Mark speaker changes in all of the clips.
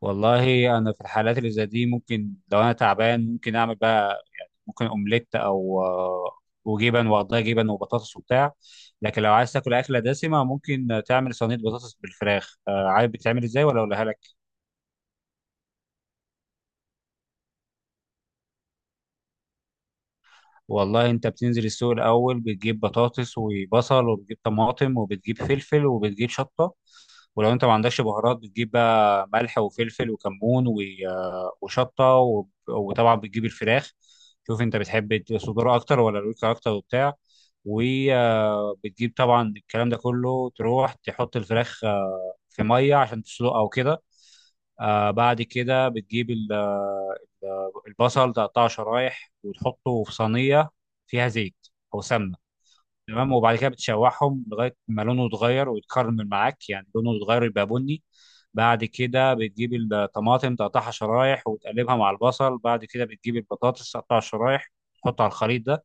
Speaker 1: والله انا في الحالات اللي زي دي ممكن لو انا تعبان ممكن اعمل بقى يعني ممكن اومليت او وجبن واقضيها جبن وبطاطس وبتاع. لكن لو عايز تاكل اكله دسمه ممكن تعمل صينيه بطاطس بالفراخ. عارف بتتعمل ازاي ولا اقولها لك؟ والله انت بتنزل السوق الاول، بتجيب بطاطس وبصل وبتجيب طماطم وبتجيب فلفل وبتجيب شطه. ولو انت ما عندكش بهارات بتجيب بقى ملح وفلفل وكمون وشطه وطبعا بتجيب الفراخ. شوف انت بتحب صدور اكتر ولا الورك اكتر وبتاع. وبتجيب طبعا الكلام ده كله، تروح تحط الفراخ في ميه عشان تسلقها وكده. آه بعد كده بتجيب البصل، تقطعه شرايح وتحطه في صينيه فيها زيت او سمنه. تمام، وبعد كده بتشوحهم لغايه ما لونه يتغير ويتكرمل معاك، يعني لونه يتغير يبقى بني. بعد كده بتجيب الطماطم تقطعها شرايح وتقلبها مع البصل. بعد كده بتجيب البطاطس تقطعها شرايح تحطها على الخليط ده.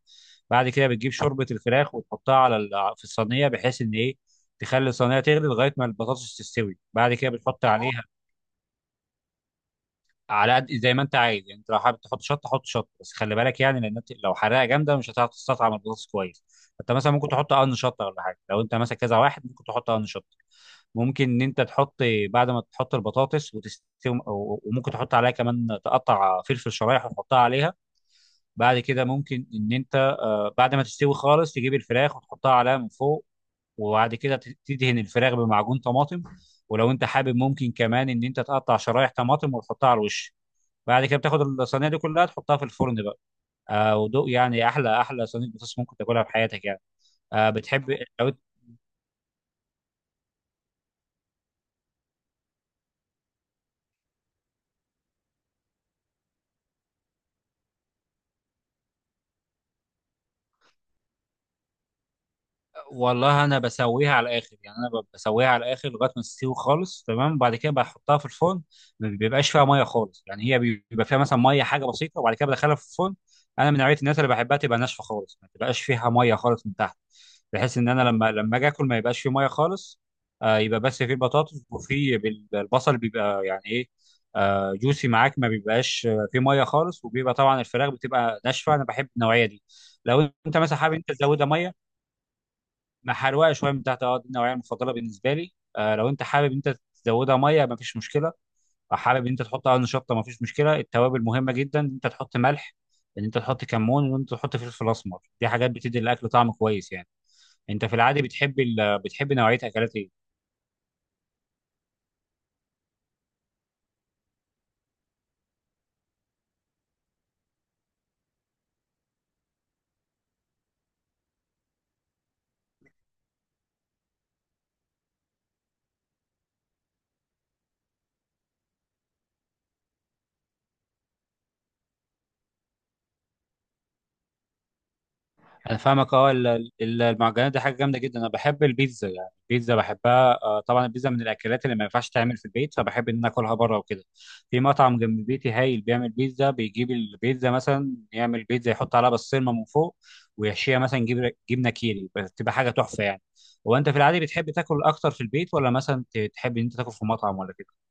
Speaker 1: بعد كده بتجيب شوربه الفراخ وتحطها على في الصينيه، بحيث ان ايه، تخلي الصينيه تغلي لغايه ما البطاطس تستوي. بعد كده بتحط عليها على قد زي ما انت عايز. يعني انت لو حابب تحط شطه حط شطه، بس خلي بالك يعني، لان انت لو حراقه جامده مش هتعرف تستطعم البطاطس كويس. انت مثلا ممكن تحط قرن شطه ولا حاجه، لو انت مثلا كذا واحد ممكن تحط قرن شطه. ممكن ان انت تحط بعد ما تحط البطاطس وتستوي. وممكن تحط عليها كمان تقطع فلفل شرايح وتحطها عليها. بعد كده ممكن ان انت، بعد ما تستوي خالص تجيب الفراخ وتحطها عليها من فوق. وبعد كده تدهن الفراخ بمعجون طماطم. ولو انت حابب ممكن كمان ان انت تقطع شرايح طماطم وتحطها على الوش. بعد كده بتاخد الصينيه دي كلها تحطها في الفرن بقى. آه ودوق، يعني احلى احلى صينيه بطاطس ممكن تاكلها في حياتك يعني. آه بتحب لو. والله انا بسويها على الاخر، يعني انا بسويها على الاخر لغايه ما تستوي خالص، تمام، وبعد كده بحطها في الفرن. ما بيبقاش فيها ميه خالص، يعني هي بيبقى فيها مثلا ميه حاجه بسيطه، وبعد كده بدخلها في الفرن. انا من نوعيه الناس اللي بحبها تبقى ناشفه خالص ما تبقاش فيها ميه خالص من تحت، بحيث ان انا لما اجي اكل ما يبقاش فيه ميه خالص. آه يبقى بس فيه البطاطس وفيه البصل، بيبقى يعني ايه، آه جوسي معاك، ما بيبقاش فيه ميه خالص، وبيبقى طبعا الفراخ بتبقى ناشفه. انا بحب النوعيه دي. لو انت مثلا حابب انت تزودها ميه. مع حروقه شويه من تحت، اه دي النوعيه المفضله بالنسبه لي. آه لو انت حابب انت تزودها ميه مفيش مشكله. او حابب انت تحط قرن شطه مفيش مشكله. التوابل مهمه جدا، ان انت تحط ملح، ان انت تحط كمون، ان انت تحط فلفل اسمر. دي حاجات بتدي الاكل طعم كويس يعني. انت في العادي بتحب ال... بتحب نوعيه اكلات ايه؟ انا فاهمك اه. المعجنات دي حاجه جامده جدا. انا بحب البيتزا، يعني البيتزا بحبها. طبعا البيتزا من الاكلات اللي ما ينفعش تعمل في البيت، فبحب ان أنا اكلها بره وكده. في مطعم جنب بيتي هايل بيعمل بيتزا، بيجيب البيتزا مثلا يعمل بيتزا يحط عليها بسطرمه من فوق، ويحشيها مثلا جبنه كيري، بتبقى حاجه تحفه يعني. هو انت في العادي بتحب تاكل اكتر في البيت، ولا مثلا تحب ان انت تاكل في مطعم ولا كده؟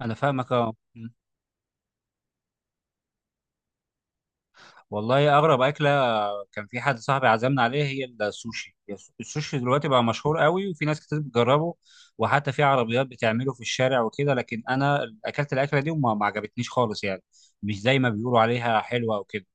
Speaker 1: انا فاهمك اه. والله اغرب اكله كان في حد صاحبي عزمنا عليها هي السوشي. السوشي دلوقتي بقى مشهور قوي، وفي ناس كتير بتجربه، وحتى في عربيات بتعمله في الشارع وكده. لكن انا اكلت الاكله دي وما ما عجبتنيش خالص يعني، مش زي ما بيقولوا عليها حلوه وكده.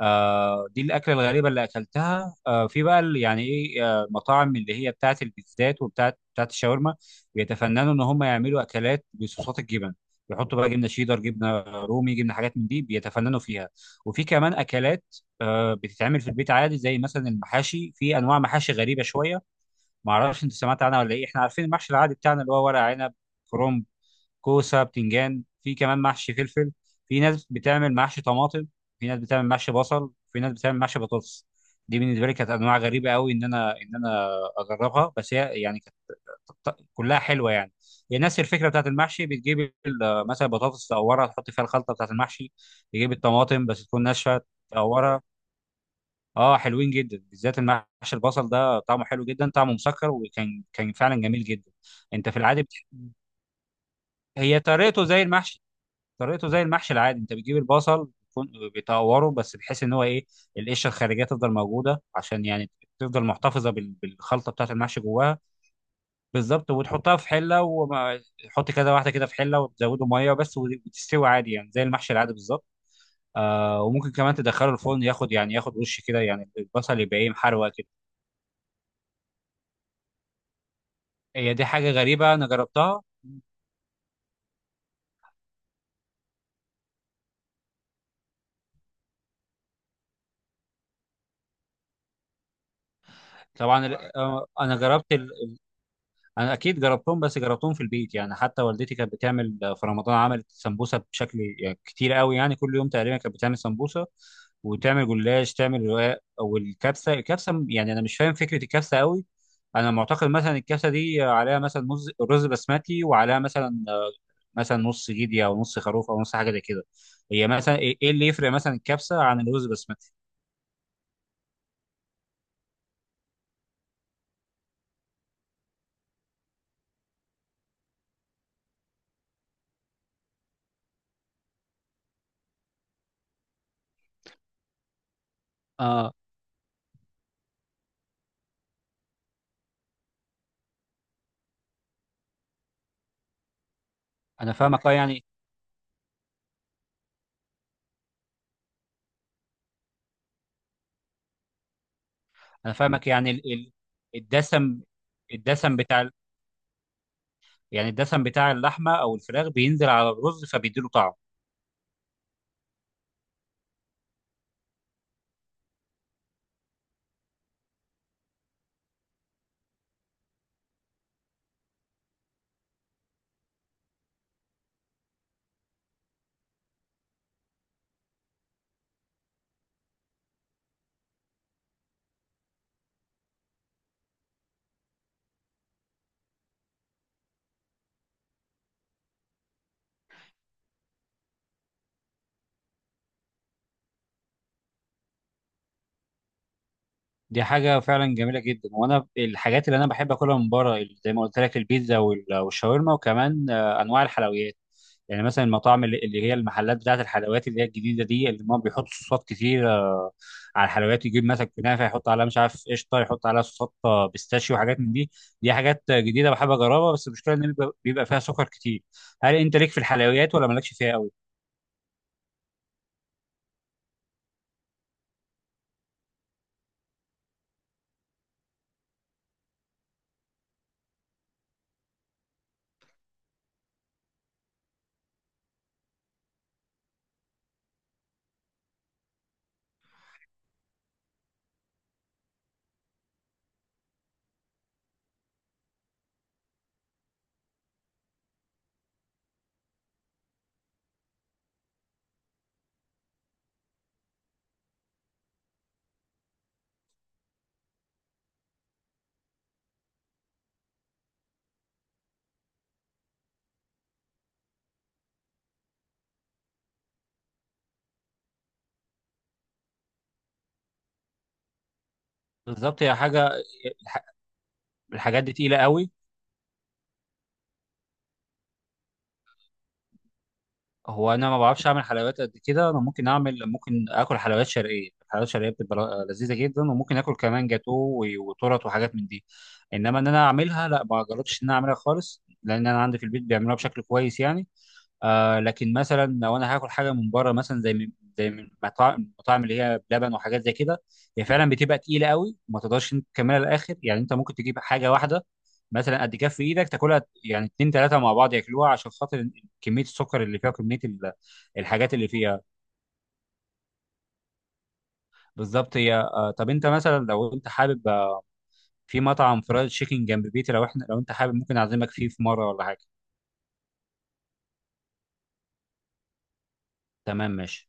Speaker 1: آه دي الاكله الغريبه اللي اكلتها. آه في بقى ال- يعني ايه آه مطاعم اللي هي بتاعه البيتزات وبتاعه الشاورما، بيتفننوا ان هم يعملوا اكلات بصوصات الجبن، يحطوا بقى جبنه شيدر جبنه رومي جبنه حاجات من دي، بيتفننوا فيها. وفي كمان اكلات بتتعمل في البيت عادي زي مثلا المحاشي. في انواع محاشي غريبه شويه، ما اعرفش انت سمعت عنها ولا ايه. احنا عارفين المحشي العادي بتاعنا اللي هو ورق عنب، كرنب، كوسه، بتنجان. في كمان محشي فلفل، في ناس بتعمل محشي طماطم، في ناس بتعمل محشي بصل، في ناس بتعمل محشي بطاطس. دي بالنسبه لي كانت انواع غريبه قوي ان انا اجربها، بس هي يعني كانت كلها حلوه يعني. هي نفس الفكره بتاعت المحشي، بتجيب مثلا بطاطس تقورها تحط فيها الخلطه بتاعت المحشي، تجيب الطماطم بس تكون ناشفه تقورها. اه حلوين جدا، بالذات المحشي البصل ده، طعمه حلو جدا، طعمه مسكر، وكان فعلا جميل جدا. انت في العادي هي طريقته زي المحشي. طريقته زي المحشي العادي، انت بتجيب البصل بيطوره بس، بحيث ان هو ايه، القشره الخارجيه تفضل موجوده عشان يعني تفضل محتفظه بالخلطه بتاعه المحشي جواها. بالظبط، وتحطها في حله، وحط كده واحده كده في حله وتزوده ميه بس وتستوي عادي، يعني زي المحشي العادي بالظبط. آه وممكن كمان تدخله الفرن ياخد، يعني ياخد وش كده، يعني البصل يبقى ايه محروق كده. هي دي حاجه غريبه انا جربتها. طبعا انا اكيد جربتهم، بس جربتهم في البيت يعني. حتى والدتي كانت بتعمل في رمضان، عملت سمبوسه بشكل يعني كتير قوي، يعني كل يوم تقريبا كانت بتعمل سمبوسه وتعمل جلاش تعمل رقاق. والكبسه، الكبسه يعني انا مش فاهم فكره الكبسه قوي. انا معتقد مثلا الكبسه دي عليها مثلا رز بسمتي، وعليها مثلا مثلا نص جدي او نص خروف او نص حاجه زي كده. هي مثلا ايه إيه اللي يفرق مثلا الكبسه عن الرز بسمتي؟ اه انا فاهمك اه يعني. انا فاهمك يعني، الدسم، الدسم بتاع، يعني الدسم بتاع اللحمه او الفراخ بينزل على الرز فبيديله طعم. دي حاجه فعلا جميله جدا. وانا الحاجات اللي انا بحب اكلها من بره زي ما قلت لك البيتزا والشاورما، وكمان انواع الحلويات. يعني مثلا المطاعم اللي هي المحلات بتاعت الحلويات اللي هي الجديده دي، اللي هم بيحطوا صوصات كتير على الحلويات، يجيب مثلا كنافه يحط عليها مش عارف قشطه، يحط عليها صوصات بيستاشيو وحاجات من دي. دي حاجات جديده بحب اجربها، بس المشكله ان بيبقى فيها سكر كتير. هل انت ليك في الحلويات ولا مالكش فيها قوي؟ بالظبط هي حاجه، الحاجات دي تقيله قوي. هو انا ما بعرفش اعمل حلويات قد كده. انا ممكن اعمل، ممكن اكل حلويات شرقيه، الحلويات الشرقيه بتبقى لذيذه جدا، وممكن اكل كمان جاتو وتورت وحاجات من دي. انما ان انا اعملها لا، ما جربتش ان انا اعملها خالص، لان انا عندي في البيت بيعملوها بشكل كويس يعني. آه لكن مثلا لو انا هاكل حاجه من بره مثلا زي من مطاعم، المطاعم اللي هي بلبن وحاجات زي كده، هي فعلا بتبقى تقيله قوي وما تقدرش انت تكملها للاخر. يعني انت ممكن تجيب حاجه واحده مثلا قد كف ايدك تاكلها، يعني اتنين تلاته مع بعض ياكلوها، عشان خاطر كميه السكر اللي فيها وكميه الحاجات اللي فيها. بالظبط هي آه. طب انت مثلا لو انت حابب، في مطعم فرايد تشيكن جنب بيتي، لو احنا لو انت حابب ممكن اعزمك فيه في مره ولا حاجه. تمام ماشي.